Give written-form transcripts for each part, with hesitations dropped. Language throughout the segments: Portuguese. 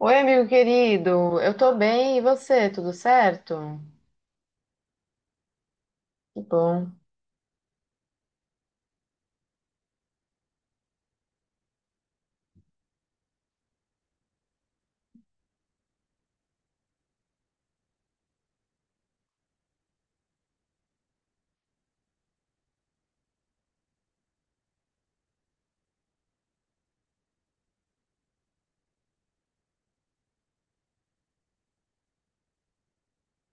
Oi, amigo querido, eu tô bem, e você, tudo certo? Que bom.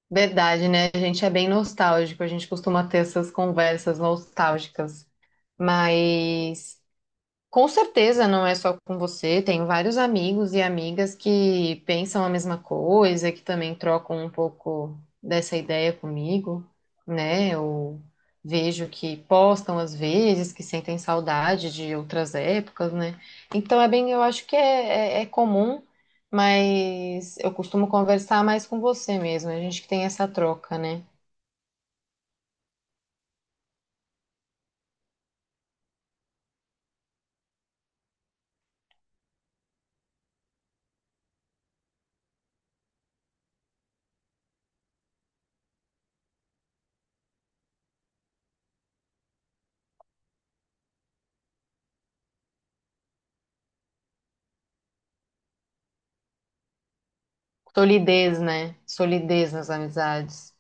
Verdade, né? A gente é bem nostálgico, a gente costuma ter essas conversas nostálgicas. Mas, com certeza não é só com você, tenho vários amigos e amigas que pensam a mesma coisa, que também trocam um pouco dessa ideia comigo, né? Eu vejo que postam às vezes, que sentem saudade de outras épocas, né? Então é bem, eu acho que é comum, mas eu costumo conversar mais com você mesmo, a gente que tem essa troca, né? Solidez, né? Solidez nas amizades.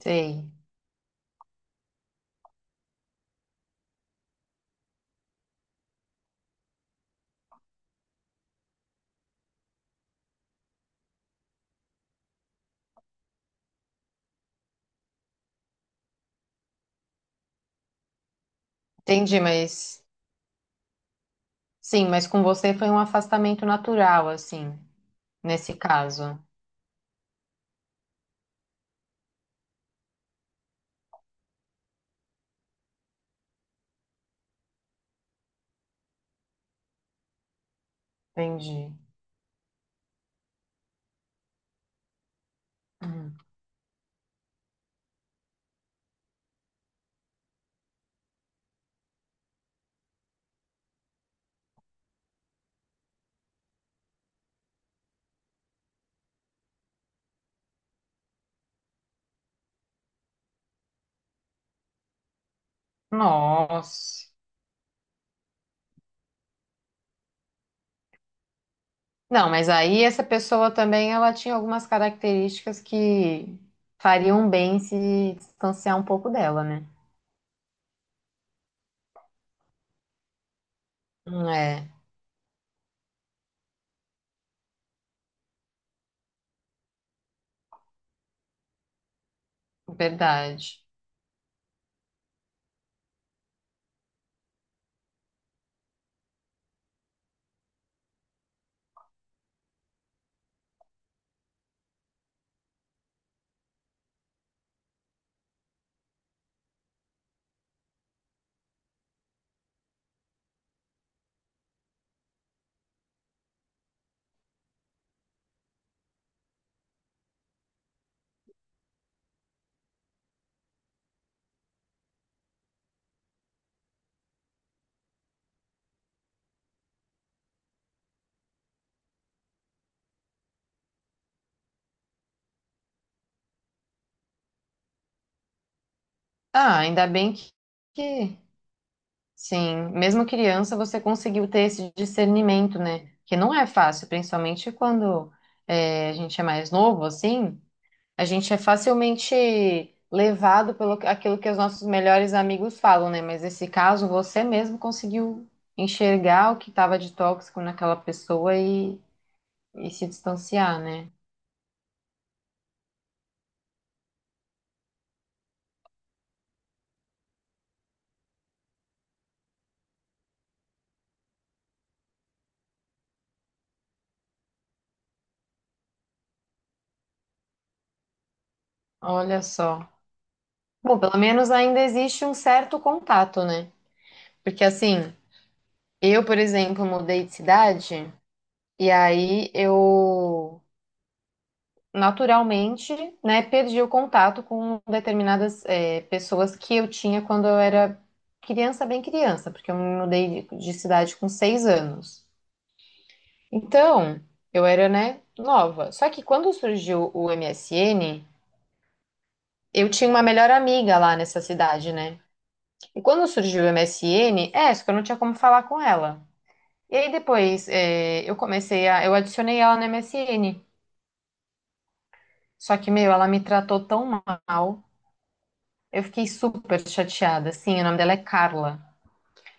Sei. Entendi, mas. Sim, mas com você foi um afastamento natural, assim, nesse caso. Entendi. Hum. Nossa. Não, mas aí essa pessoa também, ela tinha algumas características que fariam bem se distanciar um pouco dela, né? É, verdade. Ah, ainda bem que sim, mesmo criança você conseguiu ter esse discernimento, né? Que não é fácil, principalmente quando é, a gente é mais novo, assim. A gente é facilmente levado pelo aquilo que os nossos melhores amigos falam, né? Mas nesse caso, você mesmo conseguiu enxergar o que estava de tóxico naquela pessoa e se distanciar, né? Olha só. Bom, pelo menos ainda existe um certo contato, né? Porque assim, eu, por exemplo, mudei de cidade e aí eu naturalmente, né, perdi o contato com determinadas pessoas que eu tinha quando eu era criança, bem criança, porque eu me mudei de cidade com 6 anos. Então, eu era, né, nova. Só que quando surgiu o MSN, eu tinha uma melhor amiga lá nessa cidade, né? E quando surgiu o MSN, só que eu não tinha como falar com ela. E aí depois, eu adicionei ela no MSN. Só que, meu, ela me tratou tão mal. Eu fiquei super chateada, assim, o nome dela é Carla.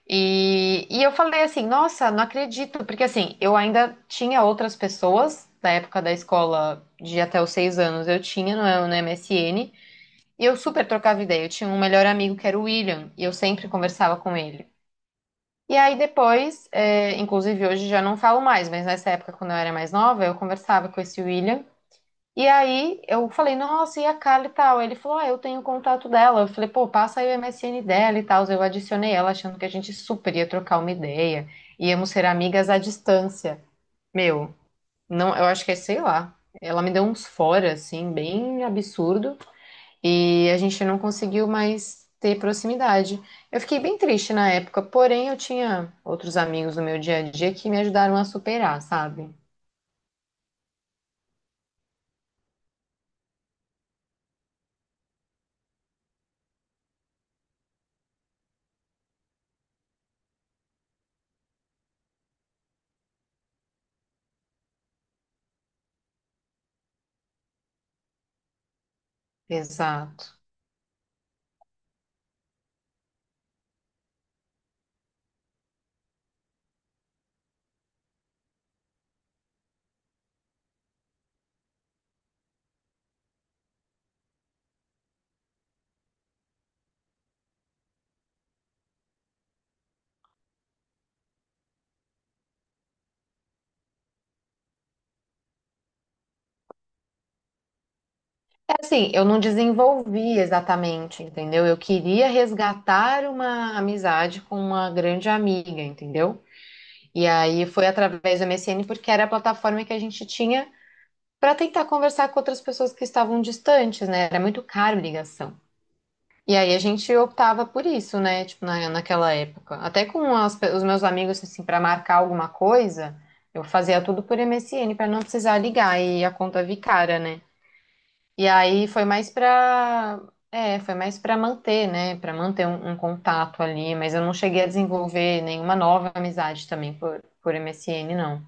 E eu falei assim, nossa, não acredito, porque assim, eu ainda tinha outras pessoas da época da escola de até os 6 anos, eu tinha no MSN, e eu super trocava ideia. Eu tinha um melhor amigo que era o William, e eu sempre conversava com ele. E aí depois, inclusive hoje já não falo mais, mas nessa época, quando eu era mais nova, eu conversava com esse William. E aí eu falei, nossa, e a Carla e tal? Ele falou, ah, eu tenho o contato dela. Eu falei, pô, passa aí o MSN dela e tal. Eu adicionei ela, achando que a gente super ia trocar uma ideia, íamos ser amigas à distância. Meu, não, eu acho que é, sei lá. Ela me deu uns fora, assim, bem absurdo, e a gente não conseguiu mais ter proximidade. Eu fiquei bem triste na época, porém eu tinha outros amigos no meu dia a dia que me ajudaram a superar, sabe? Exato. Assim, eu não desenvolvi exatamente, entendeu? Eu queria resgatar uma amizade com uma grande amiga, entendeu? E aí foi através do MSN, porque era a plataforma que a gente tinha para tentar conversar com outras pessoas que estavam distantes, né? Era muito caro ligação. E aí a gente optava por isso, né? Tipo, naquela época. Até com os meus amigos, assim, para marcar alguma coisa, eu fazia tudo por MSN para não precisar ligar e a conta vir cara, né? E aí foi mais pra. É, foi mais pra manter, né? Pra manter um contato ali, mas eu não cheguei a desenvolver nenhuma nova amizade também por MSN, não.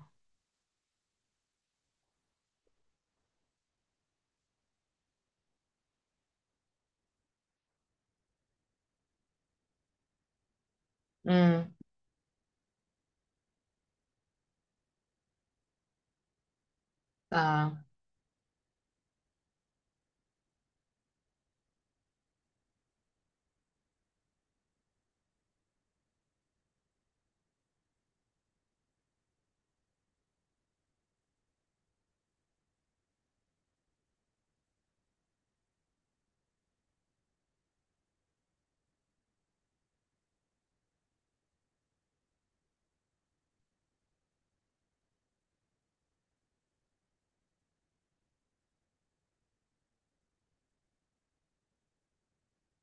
Hum, tá.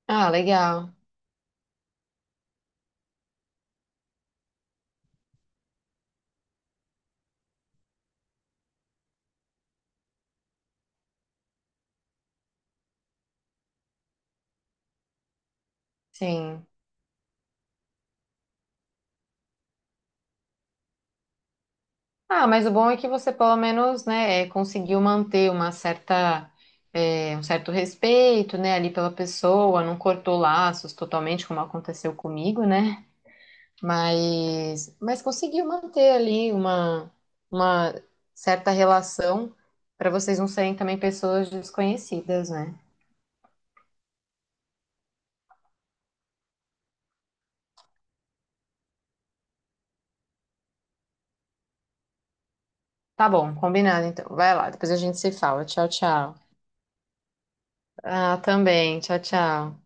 Ah, legal. Sim. Ah, mas o bom é que você pelo menos, né, conseguiu manter uma certa, um certo respeito, né, ali pela pessoa, não cortou laços totalmente, como aconteceu comigo, né? Mas conseguiu manter ali uma certa relação para vocês não serem também pessoas desconhecidas, né? Tá bom, combinado então. Vai lá, depois a gente se fala. Tchau, tchau. Ah, também. Tchau, tchau.